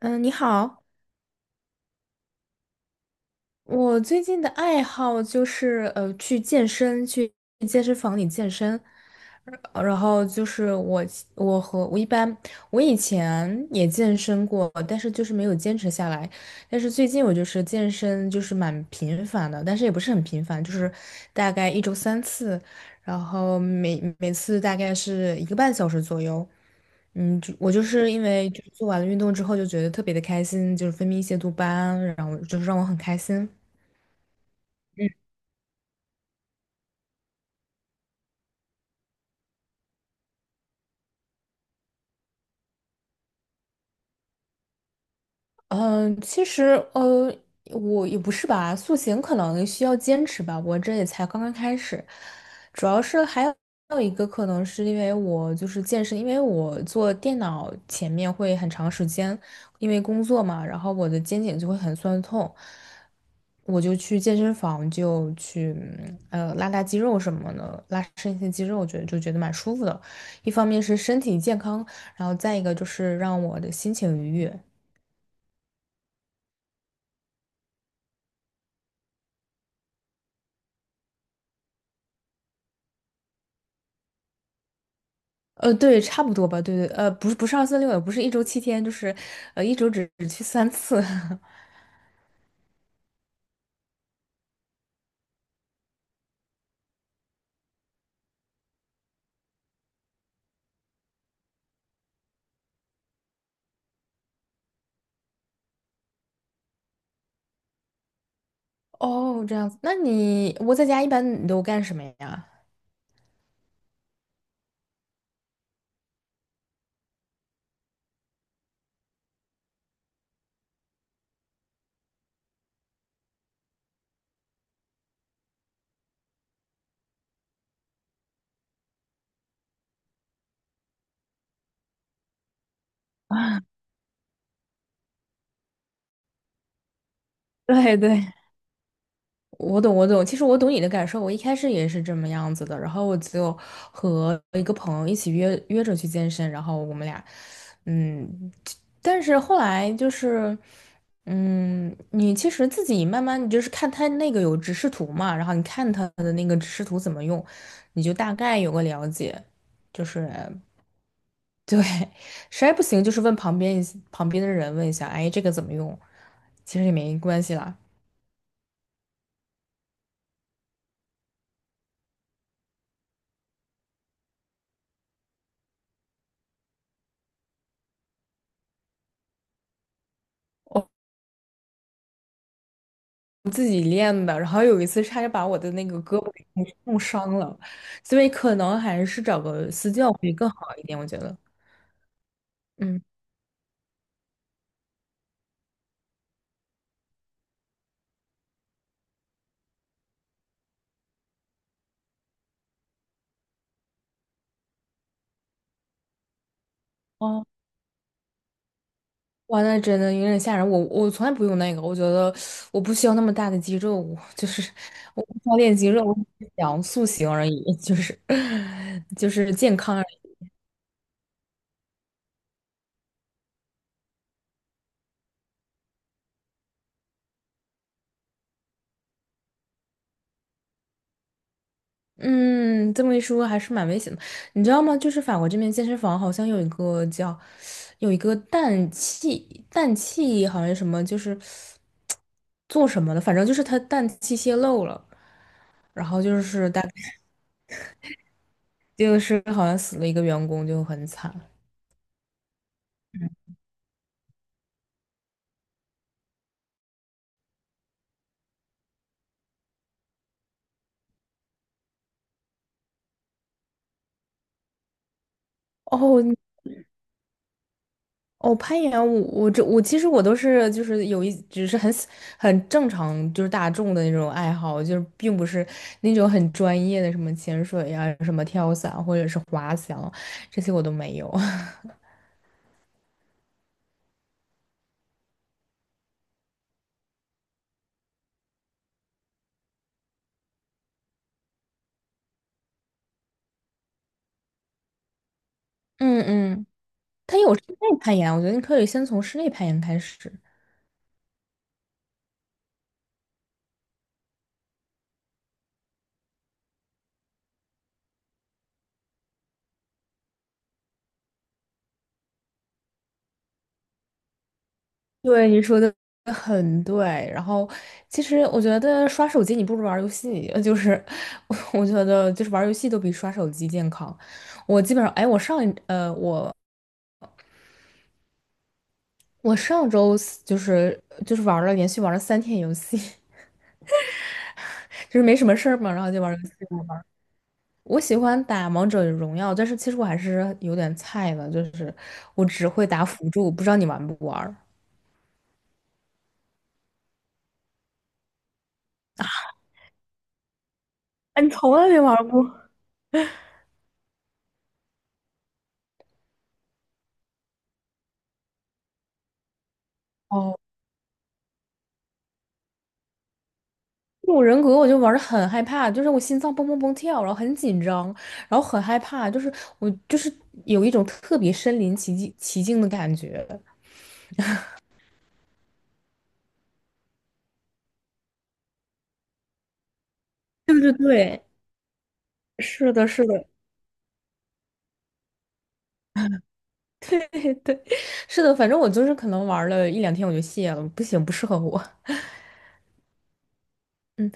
嗯，你好。我最近的爱好就是去健身，去健身房里健身。然后就是我我和我一般我以前也健身过，但是就是没有坚持下来。但是最近我就是健身就是蛮频繁的，但是也不是很频繁，就是大概一周三次，然后每次大概是一个半小时左右。就我就是因为就是做完了运动之后就觉得特别的开心，就是分泌一些多巴胺，然后就是让我很开心。嗯，其实呃，我也不是吧。塑形可能需要坚持吧，我这也才刚刚开始。主要是还有一个可能是因为我就是健身，因为我坐电脑前面会很长时间。因为工作嘛，然后我的肩颈就会很酸痛。我就去健身房就去拉拉肌肉什么的，拉伸一些肌肉，我觉得就觉得蛮舒服的。一方面是身体健康，然后再一个就是让我的心情愉悦。对，差不多吧，对对。不是不是二四六，也不是一周7天，就是一周只去三次。哦，这样子，那你我在家一般你都干什么呀？对对，我懂，我懂。其实我懂你的感受，我一开始也是这么样子的。然后我就和一个朋友一起约着去健身，然后我们俩。嗯，但是后来就是。你其实自己慢慢，你就是看他那个有指示图嘛，然后你看他的那个指示图怎么用，你就大概有个了解。就是对。实在不行就是问旁边的人问一下，哎，这个怎么用？其实也没关系啦。自己练的，然后有一次差点把我的那个胳膊给弄伤了，所以可能还是找个私教会更好一点，我觉得。嗯。哦。哇，那真的有点吓人。我从来不用那个，我觉得我不需要那么大的肌肉。我就是我不需要练肌肉，我只是想塑形而已，就是 就是健康。嗯，这么一说还是蛮危险的，你知道吗？就是法国这边健身房好像有一个叫，有一个氮气好像什么，就是做什么的，反正就是它氮气泄漏了，然后就是好像死了一个员工，就很惨。哦。哦，攀岩我这我其实我都是就是有一只是很正常就是大众的那种爱好，就是并不是那种很专业的什么潜水呀、什么跳伞或者是滑翔这些我都没有。嗯嗯，它有室内攀岩，我觉得你可以先从室内攀岩开始。对，你说的很对。然后，其实我觉得刷手机你不如玩儿游戏，就是 我觉得就是玩儿游戏都比刷手机健康。我基本上，哎，我上周四就是连续玩了3天游戏。就是没什么事儿嘛，然后就玩游戏了。我喜欢打王者荣耀，但是其实我还是有点菜的，就是我只会打辅助，不知道你玩不玩儿？哎，你从来没玩过？哦，这种人格我就玩的很害怕，就是我心脏蹦蹦蹦跳，然后很紧张，然后很害怕，就是我就是有一种特别身临其境的感觉。对对，是的，是的。对对，是的，反正我就是可能玩了一两天我就卸了，不行，不适合我。嗯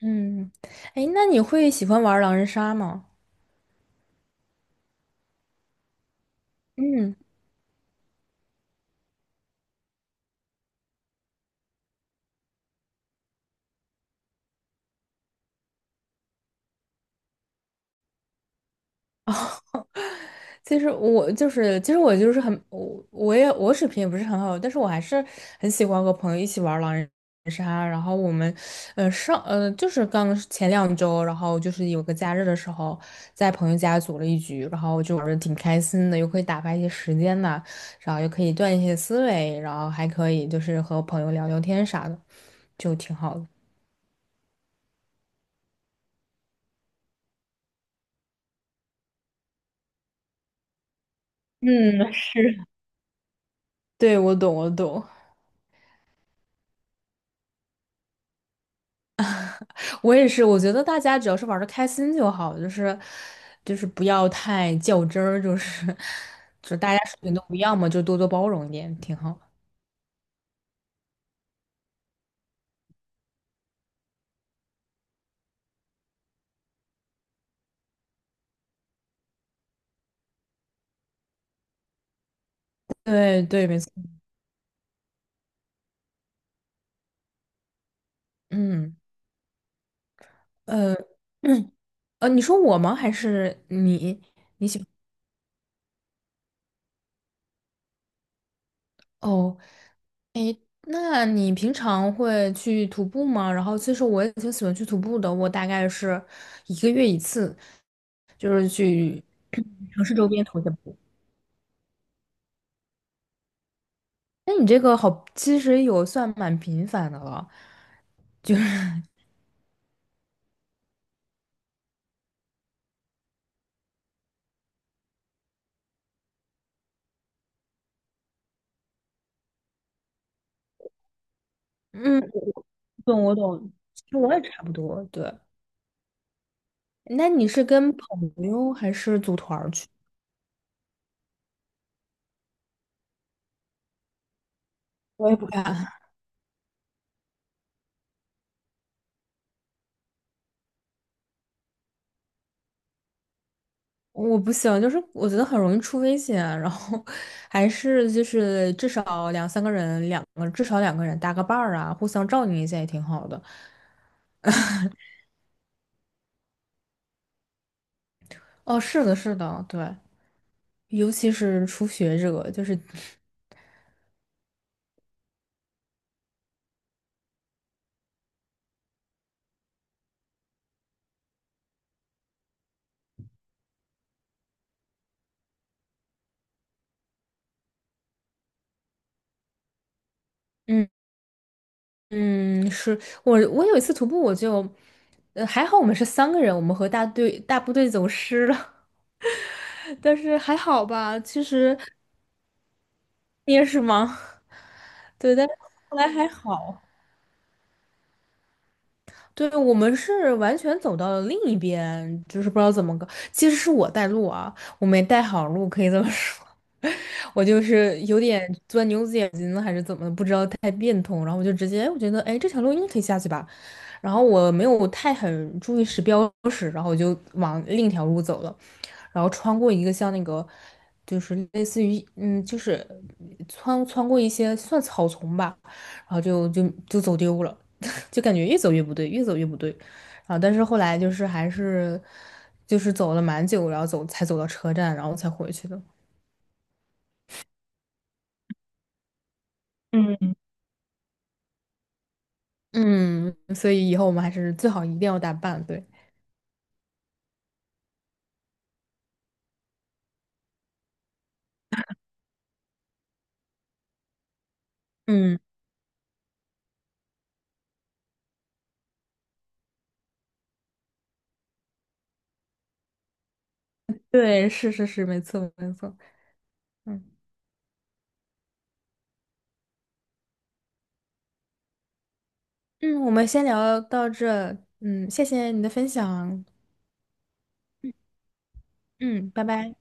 嗯，哎，那你会喜欢玩狼人杀吗？嗯。哦。其实我就是，其实我就是很，我也我水平也不是很好，但是我还是很喜欢和朋友一起玩狼人杀。然后我们，就是刚前2周，然后就是有个假日的时候，在朋友家组了一局，然后就玩的挺开心的，又可以打发一些时间呐，然后又可以锻炼一些思维，然后还可以就是和朋友聊聊天啥的，就挺好的。嗯，对，我懂，我懂。我也是，我觉得大家只要是玩的开心就好，就是不要太较真儿，就是大家水平都不一样嘛，就多多包容一点，挺好。对对，没错。嗯，呃，嗯你说我吗？还是你？哦，那你平常会去徒步吗？然后其实我也挺喜欢去徒步的，我大概是一个月一次，城市周边徒一下步。那你这个好，其实有算蛮频繁的了。就是。嗯。我懂，其实我也差不多。对，那你是跟朋友还是组团儿去？我也不敢，我不行，就是我觉得很容易出危险，然后 还是就是至少两三个人，至少两个人搭个伴儿啊，互相照应一下也挺好的。哦，是的，是的，对。尤其是初学者，就是。嗯嗯，是。我有一次徒步我就，还好我们是三个人，我们和大部队走失了。但是还好吧，其实也是吗？对，但是后来还好。对，我们是完全走到了另一边，就是不知道怎么个，其实是我带路啊，我没带好路，可以这么说。我就是有点钻牛子眼睛了还是怎么的不知道太变通，然后我就直接我觉得，哎，这条路应该可以下去吧。然后我没有太很注意时标识，然后我就往另一条路走了，然后穿过一个像那个，就是类似于就是穿过一些算草丛吧，然后就走丢了。就感觉越走越不对，越走越不对。然后，但是后来就是还是就是走了蛮久，然后才走到车站，然后才回去的。嗯，嗯，所以以后我们还是最好一定要打扮，对。嗯，对，是是是，没错没错。嗯嗯，我们先聊到这。嗯，谢谢你的分享。嗯，嗯拜拜。